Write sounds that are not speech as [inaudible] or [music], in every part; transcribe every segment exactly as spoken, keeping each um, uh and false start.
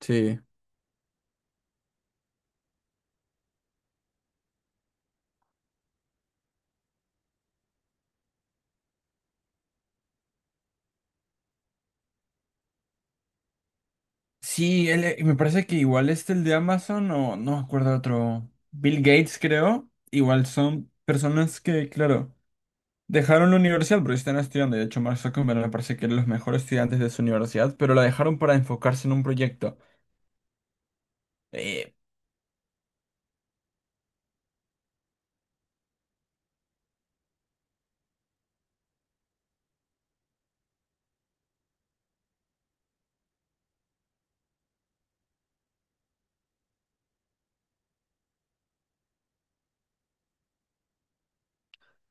Sí. Sí, él, eh, me parece que igual este, el de Amazon, o no me acuerdo otro, Bill Gates creo, igual son personas que, claro, dejaron la universidad porque están estudiando, y de hecho Mark Zuckerberg me parece que era los mejores estudiantes de su universidad, pero la dejaron para enfocarse en un proyecto. Eh,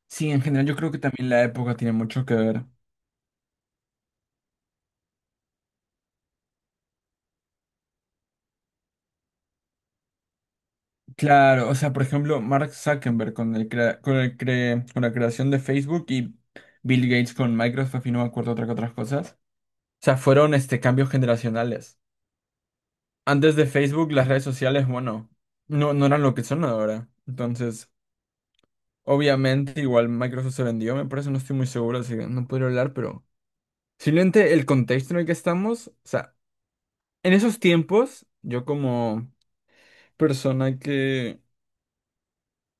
sí, en general yo creo que también la época tiene mucho que ver. Claro, o sea, por ejemplo, Mark Zuckerberg con el crea- con el cre- con la creación de Facebook y Bill Gates con Microsoft y no me acuerdo otra que otras cosas. O sea, fueron este cambios generacionales. Antes de Facebook, las redes sociales, bueno, no, no eran lo que son ahora. Entonces, obviamente, igual Microsoft se vendió, me parece, no estoy muy seguro, así que no podría hablar, pero simplemente el contexto en el que estamos, o sea, en esos tiempos, yo como persona que,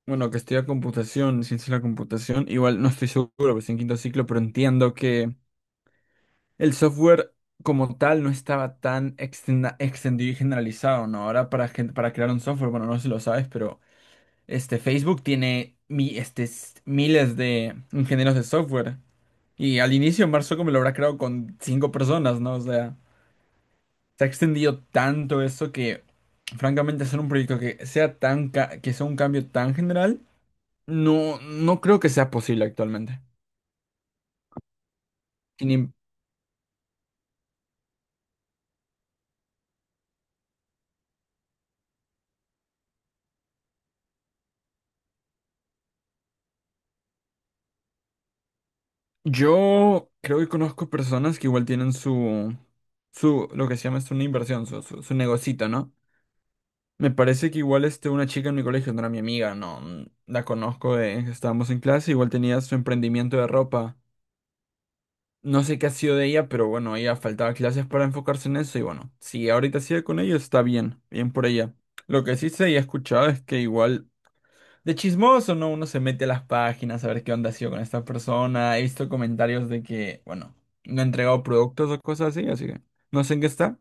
bueno, que estudia computación, ciencia de la computación, igual no estoy seguro, pues en quinto ciclo, pero entiendo que el software como tal no estaba tan extenda- extendido y generalizado, ¿no? Ahora para, gen- para crear un software, bueno, no sé si lo sabes, pero... Este, Facebook tiene mi, este, s- miles de ingenieros de software. Y al inicio Mark Zuckerberg lo habrá creado con cinco personas, ¿no? O sea, se ha extendido tanto eso que, francamente, hacer un proyecto que sea tan ca- que sea un cambio tan general, no, no creo que sea posible actualmente. Sin im- Yo creo que conozco personas que igual tienen su, su, lo que se llama es una inversión, su, su, su negocito, ¿no? Me parece que igual este, una chica en mi colegio no era mi amiga, no, mm, la conozco, de, estábamos en clase, igual tenía su emprendimiento de ropa. No sé qué ha sido de ella, pero bueno, ella faltaba clases para enfocarse en eso y bueno, si ahorita sigue con ello está bien, bien por ella. Lo que sí sé y he escuchado es que igual de chismoso, ¿no? Uno se mete a las páginas a ver qué onda ha sido con esta persona. He visto comentarios de que, bueno, no ha entregado productos o cosas así, así que no sé en qué está.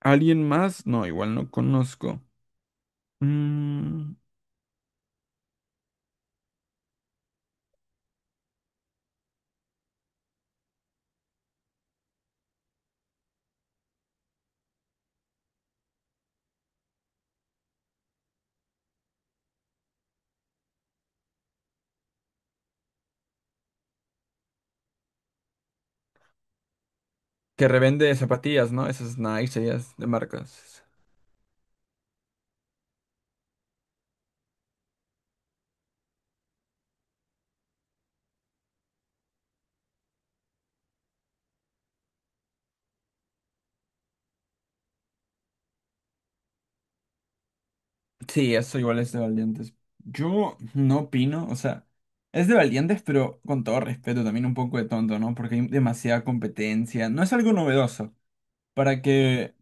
¿Alguien más? No, igual no conozco. Mm. Que revende zapatillas, ¿no? Esas Nike, ellas de marcas. Sí, eso igual es de valientes. Yo no opino, o sea, es de valientes, pero con todo respeto, también un poco de tonto, ¿no? Porque hay demasiada competencia. No es algo novedoso. Para que,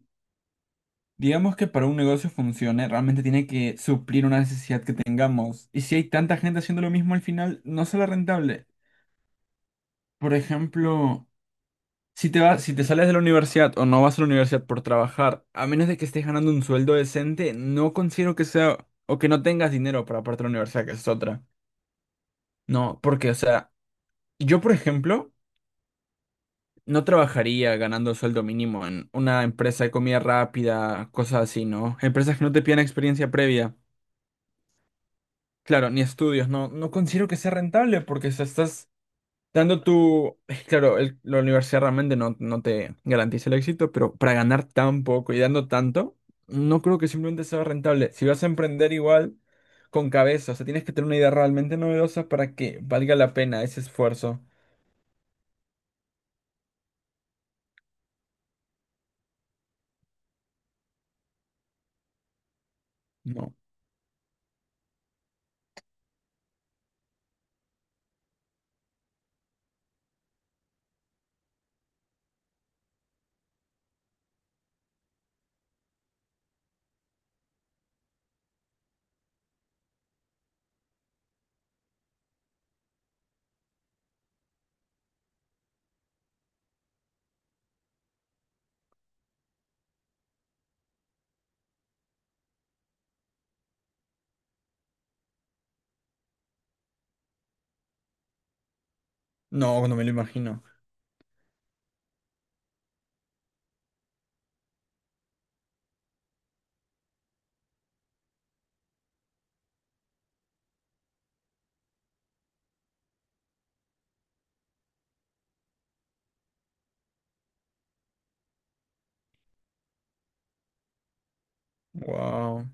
digamos que para un negocio funcione, realmente tiene que suplir una necesidad que tengamos. Y si hay tanta gente haciendo lo mismo al final, no será rentable. Por ejemplo. Si te vas, si te sales de la universidad o no vas a la universidad por trabajar, a menos de que estés ganando un sueldo decente, no considero que sea o que no tengas dinero para aparte de la universidad, que es otra. No, porque, o sea, yo, por ejemplo, no trabajaría ganando sueldo mínimo en una empresa de comida rápida, cosas así, ¿no? Empresas que no te piden experiencia previa. Claro, ni estudios, no, no considero que sea rentable porque, o sea, estás dando tu, claro, el- la universidad realmente no, no te garantiza el éxito, pero para ganar tan poco y dando tanto, no creo que simplemente sea rentable. Si vas a emprender igual con cabeza, o sea, tienes que tener una idea realmente novedosa para que valga la pena ese esfuerzo. No, no, no me lo imagino. Wow.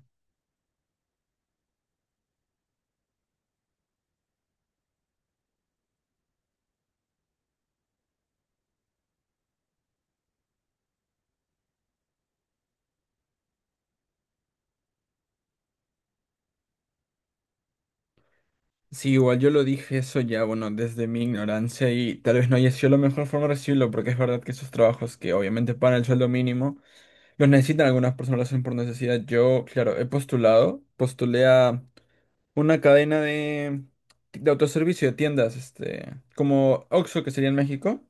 Sí, igual yo lo dije eso ya, bueno, desde mi ignorancia y tal vez no haya sido la mejor forma de recibirlo, porque es verdad que esos trabajos que obviamente pagan el sueldo mínimo los necesitan algunas personas, lo hacen por necesidad. Yo, claro, he postulado, postulé a una cadena de, de autoservicio, de tiendas, este, como Oxxo, que sería en México,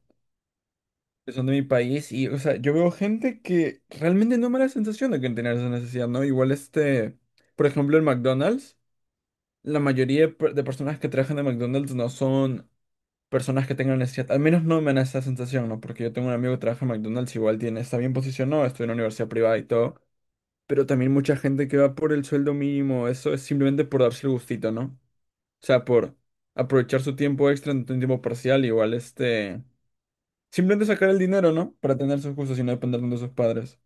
que son de mi país, y, o sea, yo veo gente que realmente no me da la sensación de que tener esa necesidad, ¿no? Igual este, por ejemplo, el McDonald's, la mayoría de, per- de personas que trabajan en McDonald's no son personas que tengan necesidad, al menos no me da esa sensación, ¿no? Porque yo tengo un amigo que trabaja en McDonald's, igual tiene, está bien posicionado, estudia en una universidad privada y todo. Pero también mucha gente que va por el sueldo mínimo, eso es simplemente por darse el gustito, ¿no? O sea, por aprovechar su tiempo extra en un tiempo parcial, igual este... Simplemente sacar el dinero, ¿no? Para tener sus gustos y no depender tanto de sus padres.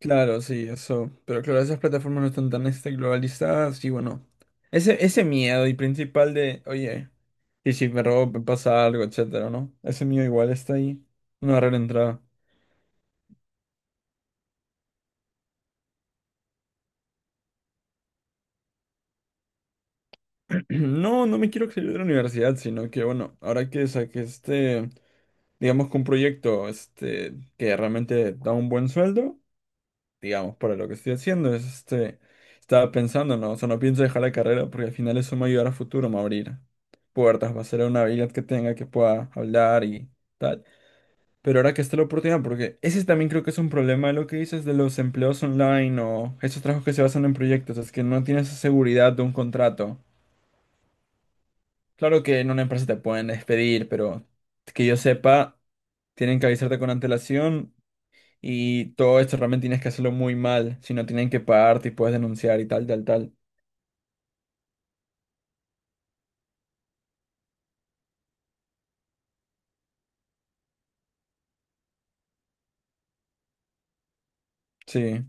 Claro, sí, eso. Pero claro, esas plataformas no están tan este, globalizadas y bueno. Ese, ese miedo y principal de, oye, y si me robo, me pasa algo, etcétera, ¿no? Ese miedo igual está ahí. Una barrera entrada. [clears throat] No, no me quiero salir de la universidad, sino que bueno, ahora que saqué este. Digamos que un proyecto este, que realmente da un buen sueldo, digamos, para lo que estoy haciendo, es este, estaba pensando, ¿no? O sea, no pienso dejar la carrera porque al final eso me va a ayudar a futuro, me va a abrir puertas, va a ser una habilidad que tenga, que pueda hablar y tal. Pero ahora que está la oportunidad, porque ese también creo que es un problema de lo que dices de los empleos online o esos trabajos que se basan en proyectos, es que no tienes esa seguridad de un contrato. Claro que en una empresa te pueden despedir, pero que yo sepa, tienen que avisarte con antelación. Y todo esto realmente tienes que hacerlo muy mal, si no tienen que pagarte y puedes denunciar y tal, tal, tal. Sí,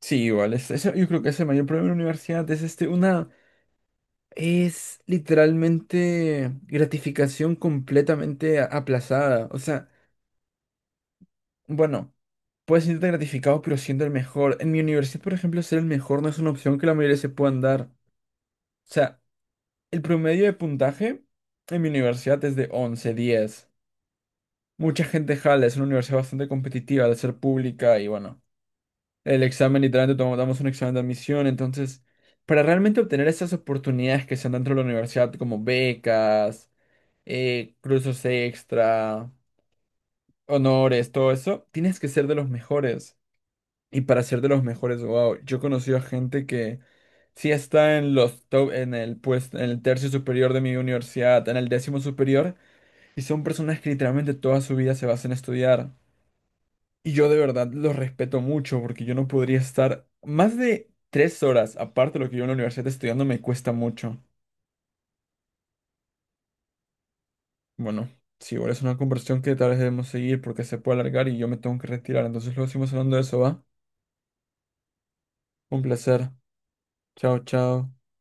sí, igual. Es, eso- yo creo que es el mayor problema de la universidad. Es este, una. Es literalmente gratificación completamente a- aplazada. O sea, bueno, puedes sentirte gratificado, pero siendo el mejor. En mi universidad, por ejemplo, ser el mejor no es una opción que la mayoría se puedan dar. O sea, el promedio de puntaje en mi universidad es de once diez. Mucha gente jala, es una universidad bastante competitiva de ser pública y bueno. El examen literalmente tom- damos un examen de admisión, entonces, para realmente obtener esas oportunidades que se dan dentro de la universidad, como becas, eh, cursos extra, honores, todo eso, tienes que ser de los mejores. Y para ser de los mejores, wow, yo he conocido a gente que sí está en los top, en el pues, en el tercio superior de mi universidad, en el décimo superior, y son personas que literalmente toda su vida se basan en estudiar. Y yo de verdad los respeto mucho porque yo no podría estar más de tres horas, aparte de lo que yo en la universidad estudiando, me cuesta mucho. Bueno, sí, igual es una conversación que tal vez debemos seguir porque se puede alargar y yo me tengo que retirar. Entonces luego seguimos hablando de eso, ¿va? Un placer. Chao, chao.